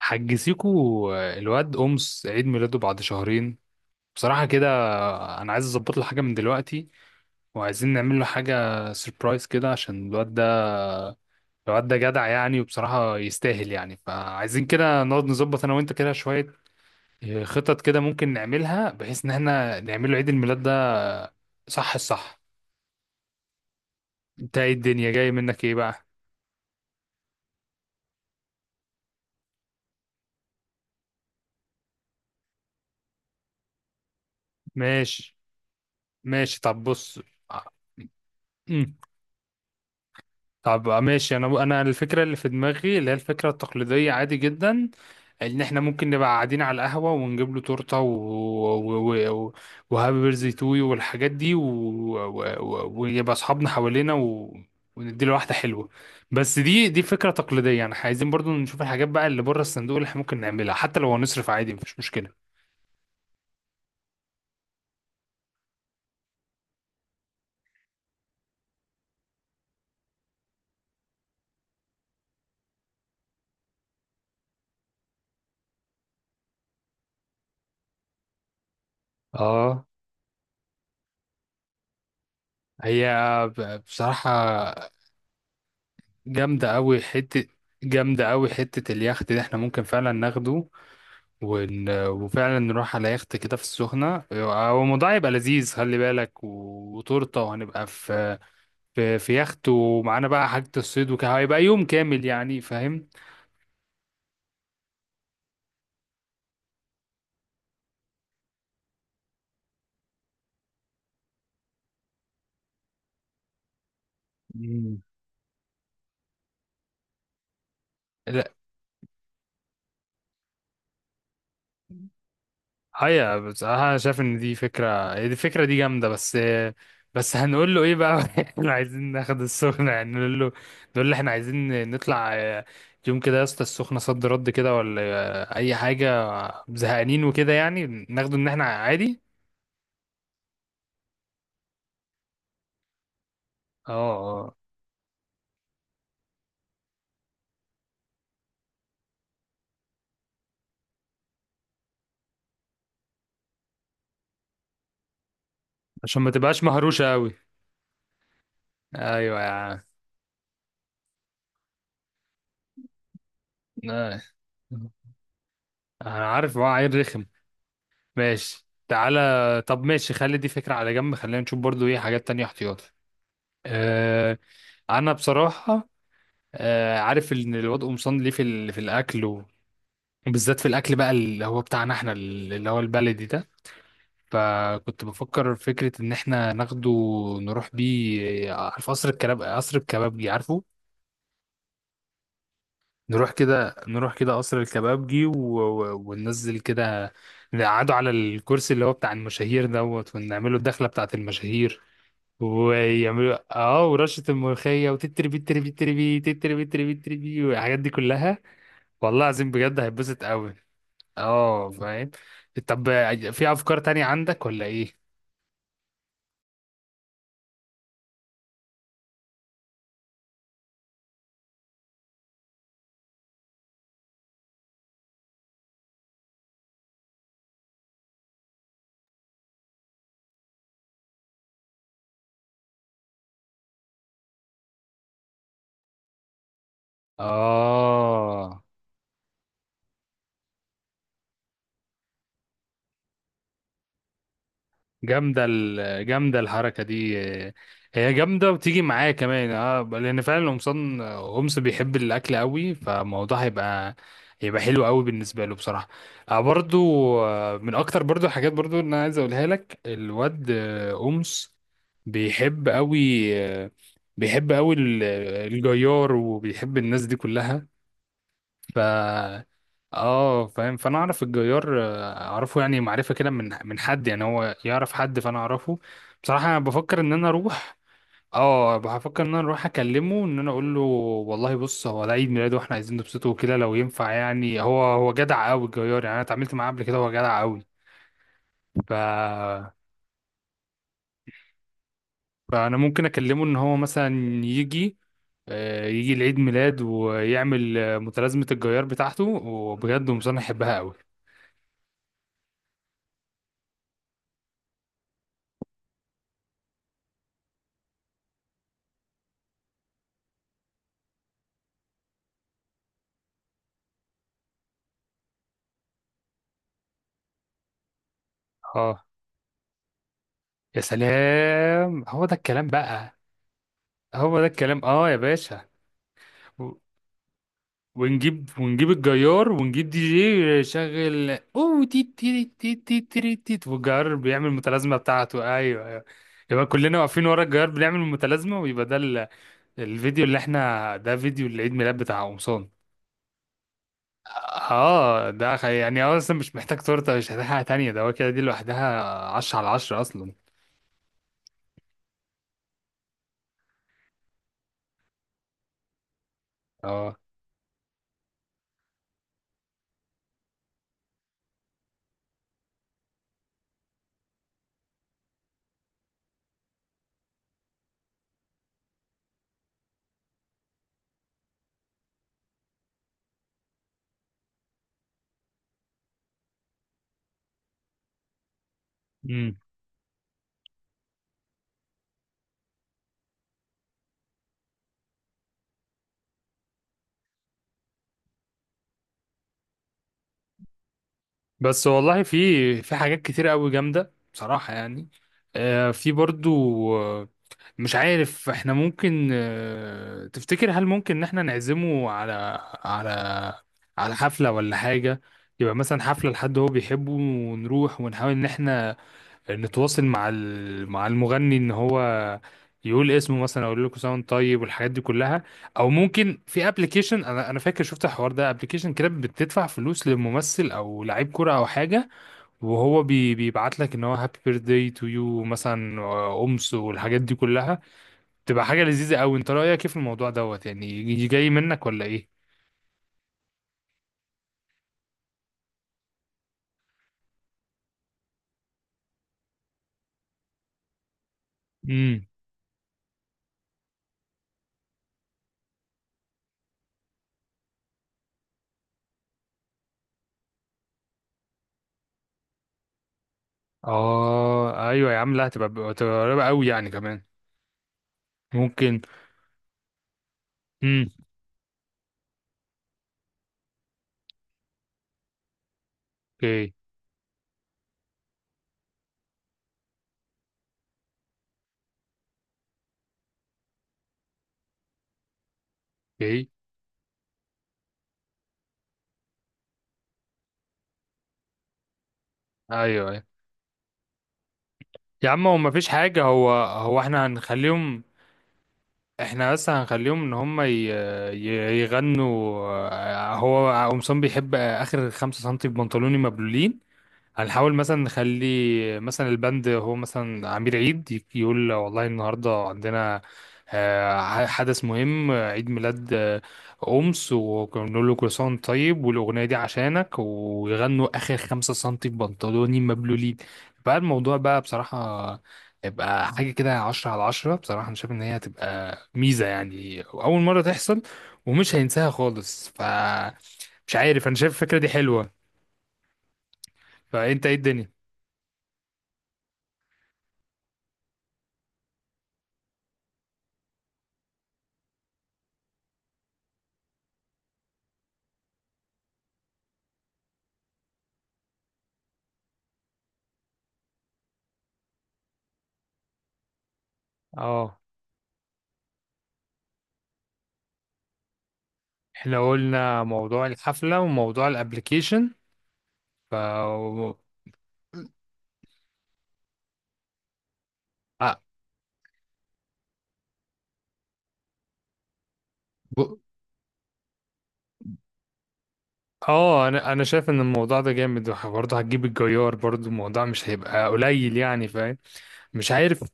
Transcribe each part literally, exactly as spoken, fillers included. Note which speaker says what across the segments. Speaker 1: حجزيكوا الواد أمس عيد ميلاده بعد شهرين، بصراحة كده. أنا عايز أظبط له حاجة من دلوقتي وعايزين نعمل له حاجة سيربرايز كده عشان الواد ده. الواد ده جدع يعني وبصراحة يستاهل يعني، فعايزين كده نقعد نظبط أنا وأنت كده شوية. آه، خطط كده ممكن نعملها بحيث إن احنا نعمل له عيد الميلاد ده. صح الصح. أنت إيه الدنيا؟ جاي منك إيه بقى؟ ماشي. ماشي طب بص. طب ماشي، انا انا الفكره اللي في دماغي اللي هي الفكره التقليديه عادي جدا. ان احنا ممكن نبقى قاعدين على القهوه ونجيب له تورته و... و... و... و... وهابي بيرثدي تو يو والحاجات دي، و... و... و... ويبقى اصحابنا حوالينا و... ونديله واحده حلوه. بس دي دي فكره تقليديه، يعني إحنا عايزين برضو نشوف الحاجات بقى اللي بره الصندوق اللي احنا ممكن نعملها، حتى لو هنصرف عادي مفيش مشكله. اه. هي، ب- بصراحة جامدة أوي حتة. جامدة أوي حتة اليخت ده، احنا ممكن فعلا ناخده ون... وفعلا نروح على يخت كده في السخنة. هو الموضوع يبقى لذيذ، خلي بالك، و- وتورتة، وهنبقى في في, في يخت، ومعانا بقى حاجة الصيد وكده، هيبقى يوم كامل يعني، فاهم؟ مم. لا، هيا بصراحة أنا شايف إن دي فكرة، هي دي الفكرة دي جامدة. بس بس هنقول له إيه بقى؟ إحنا عايزين ناخد السخنة، يعني نقول له، نقول له إحنا عايزين نطلع يوم كده يا اسطى السخنة، صد رد كده ولا أي حاجة، زهقانين وكده، يعني ناخده إن إحنا عادي. اه اه. عشان ما تبقاش مهروشة قوي. ايوه يا عم. آه. انا عارف هو عيل رخم. ماشي، تعالى. طب ماشي، خلي دي فكرة على جنب، خلينا نشوف برضو ايه حاجات تانية احتياطي. آه، انا بصراحة آه، عارف ان الواد قمصان ليه في ال... في الاكل، و... وبالذات في الاكل بقى، اللي هو بتاعنا احنا، اللي هو البلدي ده. فكنت بفكر فكرة ان احنا ناخده نروح بيه، آه، عارف قصر الكباب، قصر الكبابجي، عارفه؟ نروح كده نروح كده قصر الكبابجي و... و... وننزل كده، نقعدوا على الكرسي اللي هو بتاع المشاهير دوت، ونعمله الدخلة بتاعت المشاهير، ويعملوا اه ورشة الملوخية، وتتري بي تتري بي تتري بي تتري بي تتري بي تتري بي والحاجات دي كلها. والله العظيم بجد هيتبسط قوي. اه، فاهم. طب في افكار تانية عندك ولا ايه؟ اه، جامدة ال- جامدة الحركة دي. آه، هي جامدة وتيجي معايا كمان، اه، لأن فعلا قمصان قمص بيحب الأكل قوي، فالموضوع هيبقى، هيبقى حلو قوي بالنسبة له بصراحة. آه برضو. آه، من أكتر برضو الحاجات برضو اللي أنا عايز أقولها لك، الواد آه، قمص بيحب قوي، آه، بيحب قوي ال- الجيار، وبيحب الناس دي كلها. ف اه، فاهم. فانا اعرف الجيار، آه، اعرفه يعني معرفه كده من من حد، يعني هو يعرف حد فانا اعرفه. بصراحه انا بفكر ان انا اروح، اه بفكر ان انا اروح اكلمه، ان انا اقول له والله بص هو ده عيد ميلاده واحنا عايزين نبسطه وكده لو ينفع، يعني هو هو جدع قوي الجيار، يعني انا اتعاملت معاه قبل كده، هو جدع قوي. ف فانا ممكن اكلمه ان هو مثلا يجي، آه، يجي لعيد ميلاد ويعمل آه، متلازمه الجيار بتاعته، وبجد ومصنع يحبها قوي. يا سلام، هو ده الكلام بقى. هو ده الكلام، اه يا باشا. و- ونجيب، ونجيب الجيار، ونجيب دي جي يشغل اوه تي تي تي تي تي تي تي، والجيار بيعمل المتلازمه بتاعته. ايوه ايوه. يبقى كلنا واقفين ورا الجيار بنعمل المتلازمه، ويبقى ده ال- الفيديو اللي احنا، ده فيديو العيد ميلاد بتاع قمصان. اه، ده خ- يعني هو اصلا مش محتاج تورته، مش محتاج حاجه تانيه، ده هو كده دي لوحدها عشرة على عشرة اصلا. اه بس والله في، في حاجات كتير قوي جامدة بصراحة، يعني آه، في برضو آه، مش عارف احنا ممكن، آه، تفتكر هل ممكن ان احنا نعزمه على، على، على حفلة ولا حاجة؟ يبقى مثلا حفلة لحد هو بيحبه، ونروح ونحاول ان احنا نتواصل مع ال- مع المغني ان هو يقول اسمه مثلا، اقول لكم ساوند طيب والحاجات دي كلها. او ممكن في ابلكيشن، انا انا فاكر شفت الحوار ده، ابلكيشن كده بتدفع فلوس لممثل او لعيب كوره او حاجه، وهو بي بيبعت لك ان هو هابي بيرثداي تو يو، مثلا آه، امس والحاجات دي كلها. تبقى حاجه لذيذه قوي، انت رايك ايه في الموضوع دوت؟ يعني يجي- جاي منك ولا ايه؟ امم. اه ايوه يا عم، لا هتبقى، هتبقى قريبه قوي يعني كمان. ممكن. امم. اوكي. اوكي. ايوه يا عم، هو مفيش حاجة، هو هو احنا هنخليهم، احنا بس هنخليهم ان هم ي... ي- يغنوا، آه، هو قمصان بيحب اخر خمسة سنتي بنطلوني مبلولين. هنحاول مثلا نخلي مثلا البند هو مثلا عمير عيد ي- يقول والله النهارده عندنا آه، حدث مهم آه، عيد ميلاد آه، أمس، ونقول له كل سنة وأنت طيب، والأغنية دي عشانك، ويغنوا آخر خمسة سنتي في بنطلوني مبلولين. بقى الموضوع بقى بصراحة، يبقى حاجة كده عشرة على عشرة، بصراحة أنا شايف إن هي هتبقى ميزة يعني، أول مرة تحصل ومش هينساها خالص. ف مش عارف، أنا شايف الفكرة دي حلوة. فأنت إيه الدنيا؟ اه، احنا قلنا موضوع الحفلة وموضوع الابليكيشن. ف اه ب- آه، انا انا شايف ان الموضوع ده جامد، وح- برضه هتجيب الجيار، برضه الموضوع مش هيبقى قليل يعني، فاهم؟ مش عارف.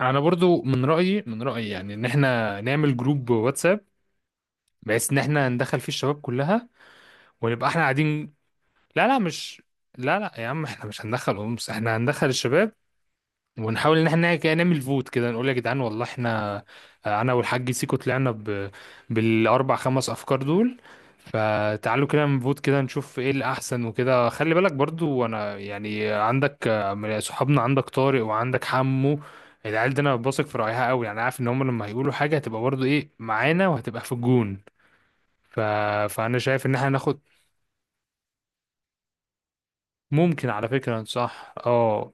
Speaker 1: انا برضه من رأيي، من رأيي يعني، ان احنا نعمل جروب واتساب بحيث ان احنا ندخل فيه الشباب كلها، ونبقى احنا قاعدين. لا لا مش لا لا يا عم، احنا مش هندخل امس، احنا هندخل الشباب، ونحاول ان احنا كده نعمل فوت كده، نقول يا جدعان، والله احنا، انا والحاج سيكو طلعنا ب... بالاربع خمس افكار دول، فتعالوا كده نفوت كده نشوف ايه الاحسن وكده. خلي بالك برضو، انا يعني عندك من صحابنا، عندك طارق وعندك حمو، العيال دي انا بثق في رايها قوي، يعني عارف ان هم لما هيقولوا حاجه هتبقى برضو ايه، معانا وهتبقى في الجون. ف... فانا شايف ان احنا ناخد، ممكن على فكره، صح اه.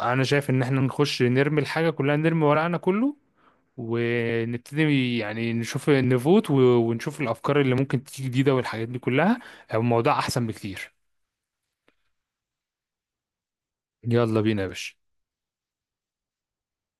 Speaker 1: انا شايف ان احنا نخش نرمي الحاجه كلها، نرمي ورقنا كله، ونبتدي يعني نشوف نفوت و- ونشوف الافكار اللي ممكن تيجي جديده والحاجات دي كلها. الموضوع احسن بكتير. يلا بينا يا باشا.